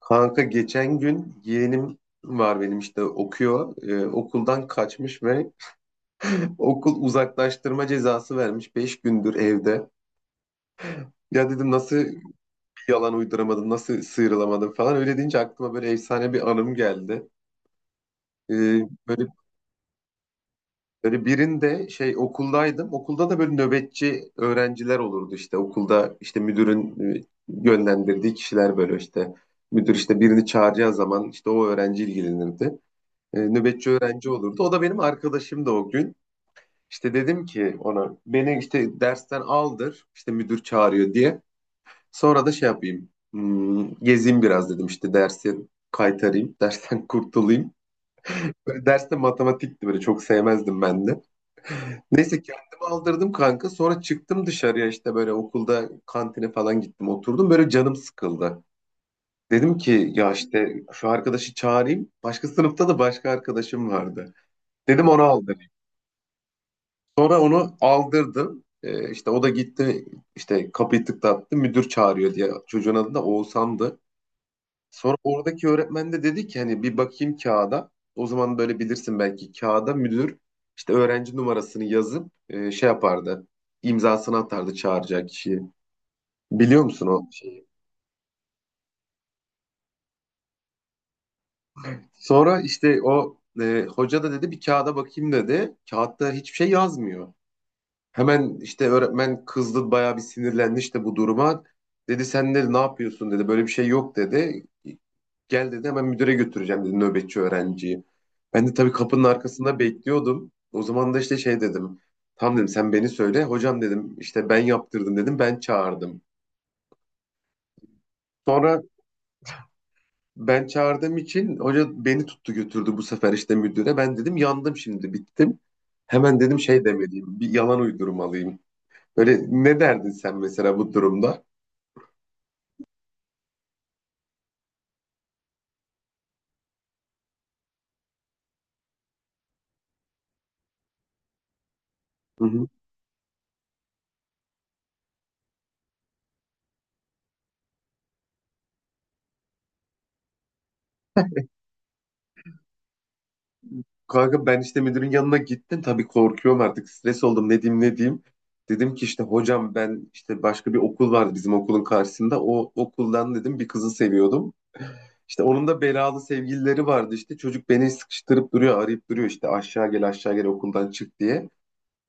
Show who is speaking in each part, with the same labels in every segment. Speaker 1: Kanka geçen gün yeğenim var benim işte okuyor. Okuldan kaçmış ve okul uzaklaştırma cezası vermiş. 5 gündür evde. Ya dedim nasıl bir yalan uyduramadım, nasıl sıyrılamadım falan. Öyle deyince aklıma böyle efsane bir anım geldi. Ee, böyle, böyle birinde şey okuldaydım. Okulda da böyle nöbetçi öğrenciler olurdu işte. Okulda işte müdürün yönlendirdiği kişiler böyle işte. Müdür işte birini çağıracağı zaman işte o öğrenci ilgilenirdi. Nöbetçi öğrenci olurdu. O da benim arkadaşımdı o gün. İşte dedim ki ona beni işte dersten aldır işte müdür çağırıyor diye. Sonra da şey yapayım, gezeyim biraz dedim işte dersi kaytarayım, dersten kurtulayım. Böyle derste matematikti, böyle çok sevmezdim ben de. Neyse kendimi aldırdım kanka, sonra çıktım dışarıya, işte böyle okulda kantine falan gittim, oturdum, böyle canım sıkıldı. Dedim ki ya işte şu arkadaşı çağırayım. Başka sınıfta da başka arkadaşım vardı. Dedim onu aldır. Sonra onu aldırdım. İşte o da gitti, işte kapıyı tıklattı müdür çağırıyor diye. Çocuğun adı da Oğuzhan'dı. Sonra oradaki öğretmen de dedi ki hani bir bakayım kağıda. O zaman böyle bilirsin, belki kağıda müdür işte öğrenci numarasını yazıp şey yapardı. İmzasını atardı çağıracak kişiyi. Biliyor musun o şeyi? Sonra işte o hoca da dedi bir kağıda bakayım dedi. Kağıtta hiçbir şey yazmıyor. Hemen işte öğretmen kızdı, bayağı bir sinirlendi işte bu duruma. Dedi sen dedi ne yapıyorsun dedi, böyle bir şey yok dedi. Gel dedi, hemen müdüre götüreceğim dedi nöbetçi öğrenciyi. Ben de tabii kapının arkasında bekliyordum. O zaman da işte şey dedim. Tamam dedim, sen beni söyle. Hocam dedim işte ben yaptırdım dedim, ben çağırdım. Sonra ben çağırdığım için hoca beni tuttu, götürdü bu sefer işte müdüre. Ben dedim yandım şimdi, bittim. Hemen dedim şey demeliyim, bir yalan uydurmalıyım. Böyle ne derdin sen mesela bu durumda? Hı hı. Kanka ben işte müdürün yanına gittim. Tabii korkuyorum artık. Stres oldum. Ne diyeyim ne diyeyim. Dedim ki işte hocam, ben işte başka bir okul vardı bizim okulun karşısında. O okuldan dedim bir kızı seviyordum. İşte onun da belalı sevgilileri vardı işte. Çocuk beni sıkıştırıp duruyor, arayıp duruyor işte aşağı gel aşağı gel okuldan çık diye.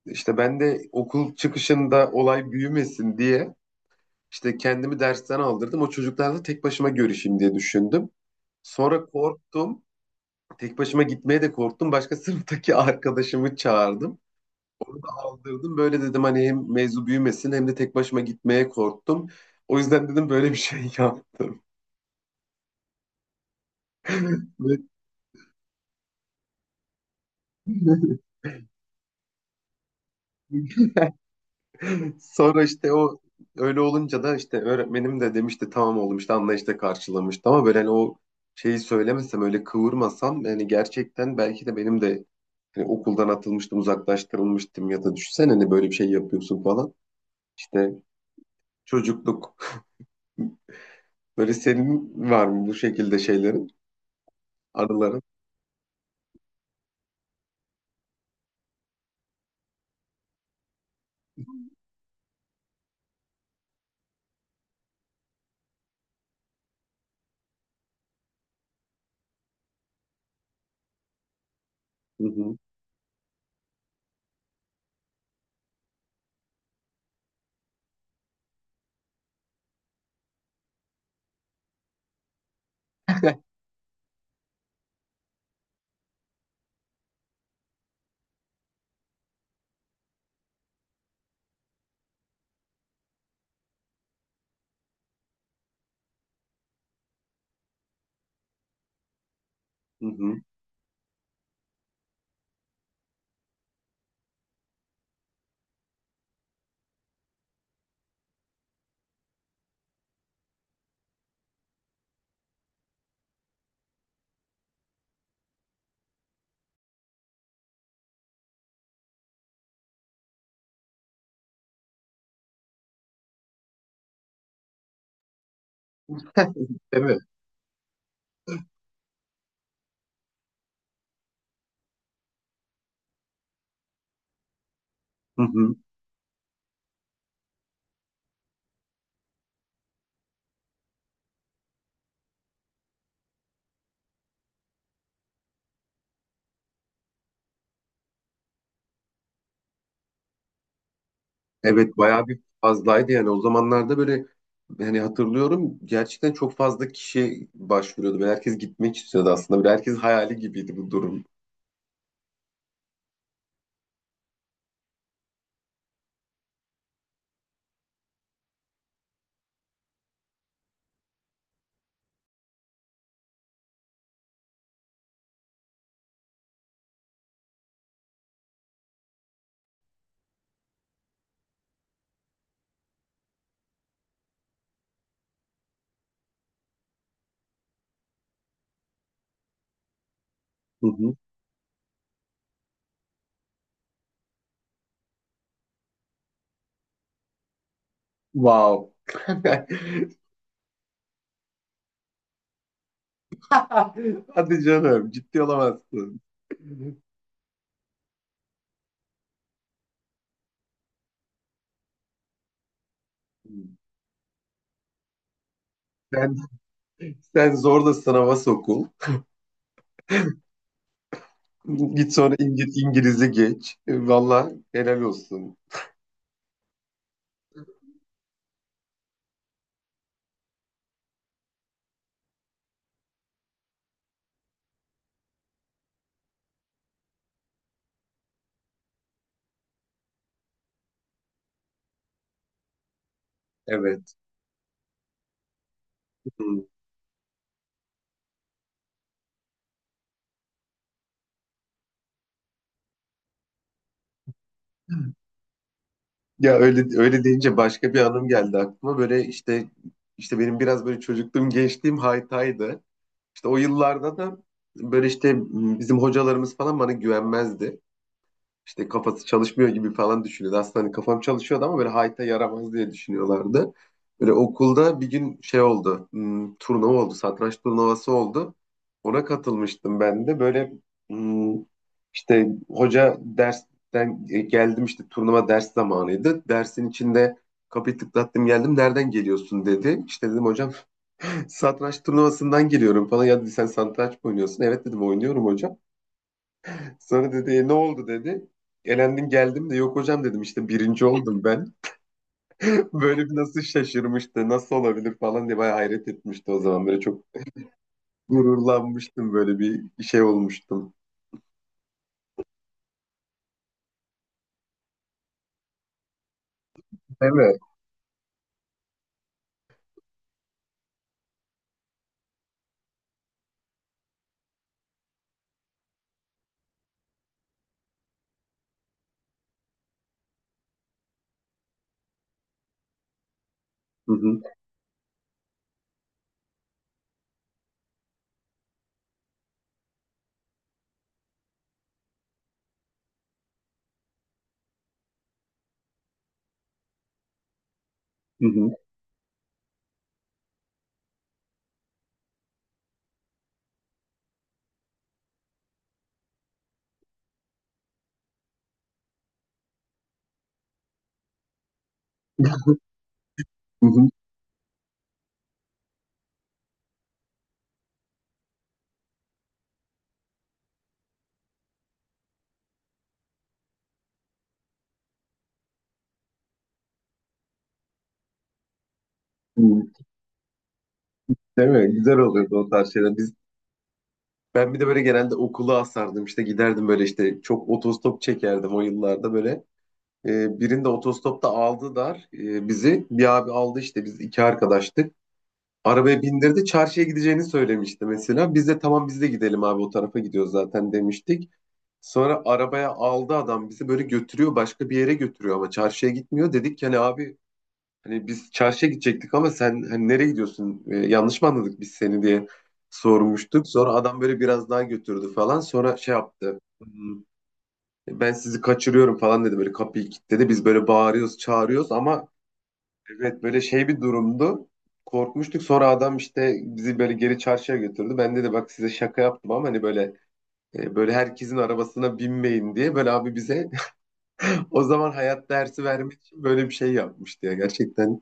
Speaker 1: İşte ben de okul çıkışında olay büyümesin diye işte kendimi dersten aldırdım. O çocuklarla tek başıma görüşeyim diye düşündüm. Sonra korktum. Tek başıma gitmeye de korktum. Başka sınıftaki arkadaşımı çağırdım. Onu da aldırdım. Böyle dedim hani hem mevzu büyümesin, hem de tek başıma gitmeye korktum. O yüzden dedim böyle bir şey yaptım. Ve sonra işte o öyle olunca da işte öğretmenim de demişti tamam oğlum işte, anlayışla karşılamıştı, ama böyle hani o şeyi söylemesem, öyle kıvırmasam yani, gerçekten belki de benim de hani okuldan atılmıştım, uzaklaştırılmıştım, ya da düşünsene hani böyle bir şey yapıyorsun falan. İşte çocukluk. Böyle senin var mı bu şekilde şeylerin, anıların? Hı hı, hı hı. Evet. Hı hı. Evet, bayağı bir fazlaydı yani o zamanlarda böyle, hani hatırlıyorum gerçekten çok fazla kişi başvuruyordu ve herkes gitmek istiyordu aslında. Böyle herkes hayali gibiydi bu durum. Hı hı. Wow. Hadi canım, ciddi olamazsın. Sen, sen zorla sınava sokul. Git sonra İngilizce geç. Valla helal olsun. Evet. Hı. Ya öyle öyle deyince başka bir anım geldi aklıma. Böyle işte benim biraz böyle çocukluğum gençliğim haytaydı. İşte o yıllarda da böyle işte bizim hocalarımız falan bana güvenmezdi, işte kafası çalışmıyor gibi falan düşünüyordu. Aslında hani kafam çalışıyordu ama böyle hayta yaramaz diye düşünüyorlardı. Böyle okulda bir gün şey oldu. Turnuva oldu. Satranç turnuvası oldu. Ona katılmıştım ben de. Böyle hmm, işte hoca dersten geldim, işte turnuva ders zamanıydı. Dersin içinde kapıyı tıklattım geldim. Nereden geliyorsun dedi. İşte dedim hocam, satranç turnuvasından geliyorum falan. Ya dedi sen satranç mı oynuyorsun? Evet dedim, oynuyorum hocam. Sonra dedi E, ne oldu dedi. Elendin geldim de, yok hocam dedim işte birinci oldum ben. Böyle bir nasıl şaşırmıştı, nasıl olabilir falan diye bayağı hayret etmişti o zaman. Böyle çok gururlanmıştım, böyle bir şey olmuştum. Evet. Hı hı, hı hı, hı hı, hı. Değil mi? Güzel oluyordu o tarz şeyler. Ben bir de böyle genelde okulu asardım, işte giderdim, böyle işte çok otostop çekerdim o yıllarda böyle. Birinde otostopta aldı bizi. Bir abi aldı, işte biz iki arkadaştık. Arabaya bindirdi. Çarşıya gideceğini söylemişti mesela. Biz de tamam, biz de gidelim abi, o tarafa gidiyoruz zaten demiştik. Sonra arabaya aldı adam bizi, böyle götürüyor, başka bir yere götürüyor ama çarşıya gitmiyor. Dedik ki hani abi, hani biz çarşıya gidecektik ama sen hani nereye gidiyorsun? Yanlış mı anladık biz seni diye sormuştuk. Sonra adam böyle biraz daha götürdü falan. Sonra şey yaptı. Ben sizi kaçırıyorum falan dedi, böyle kapıyı kilitledi. Biz böyle bağırıyoruz, çağırıyoruz ama. Evet böyle şey bir durumdu. Korkmuştuk, sonra adam işte bizi böyle geri çarşıya götürdü. Ben dedi bak size şaka yaptım ama hani böyle böyle herkesin arabasına binmeyin diye, böyle abi bize o zaman hayat dersi vermek için böyle bir şey yapmıştı ya. Gerçekten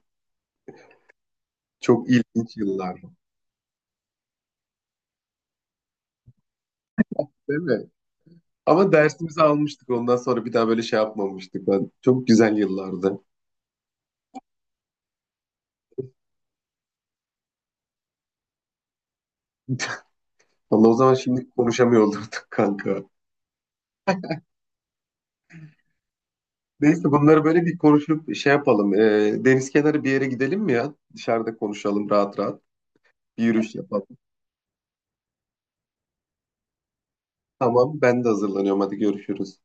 Speaker 1: çok ilginç yıllar. Değil mi? Ama dersimizi almıştık, ondan sonra bir daha böyle şey yapmamıştık. Çok güzel yıllardı. Vallahi o zaman şimdi konuşamıyor olurduk kanka. Neyse bunları böyle bir konuşup şey yapalım. Deniz kenarı bir yere gidelim mi ya? Dışarıda konuşalım rahat rahat. Bir yürüyüş yapalım. Tamam, ben de hazırlanıyorum. Hadi görüşürüz.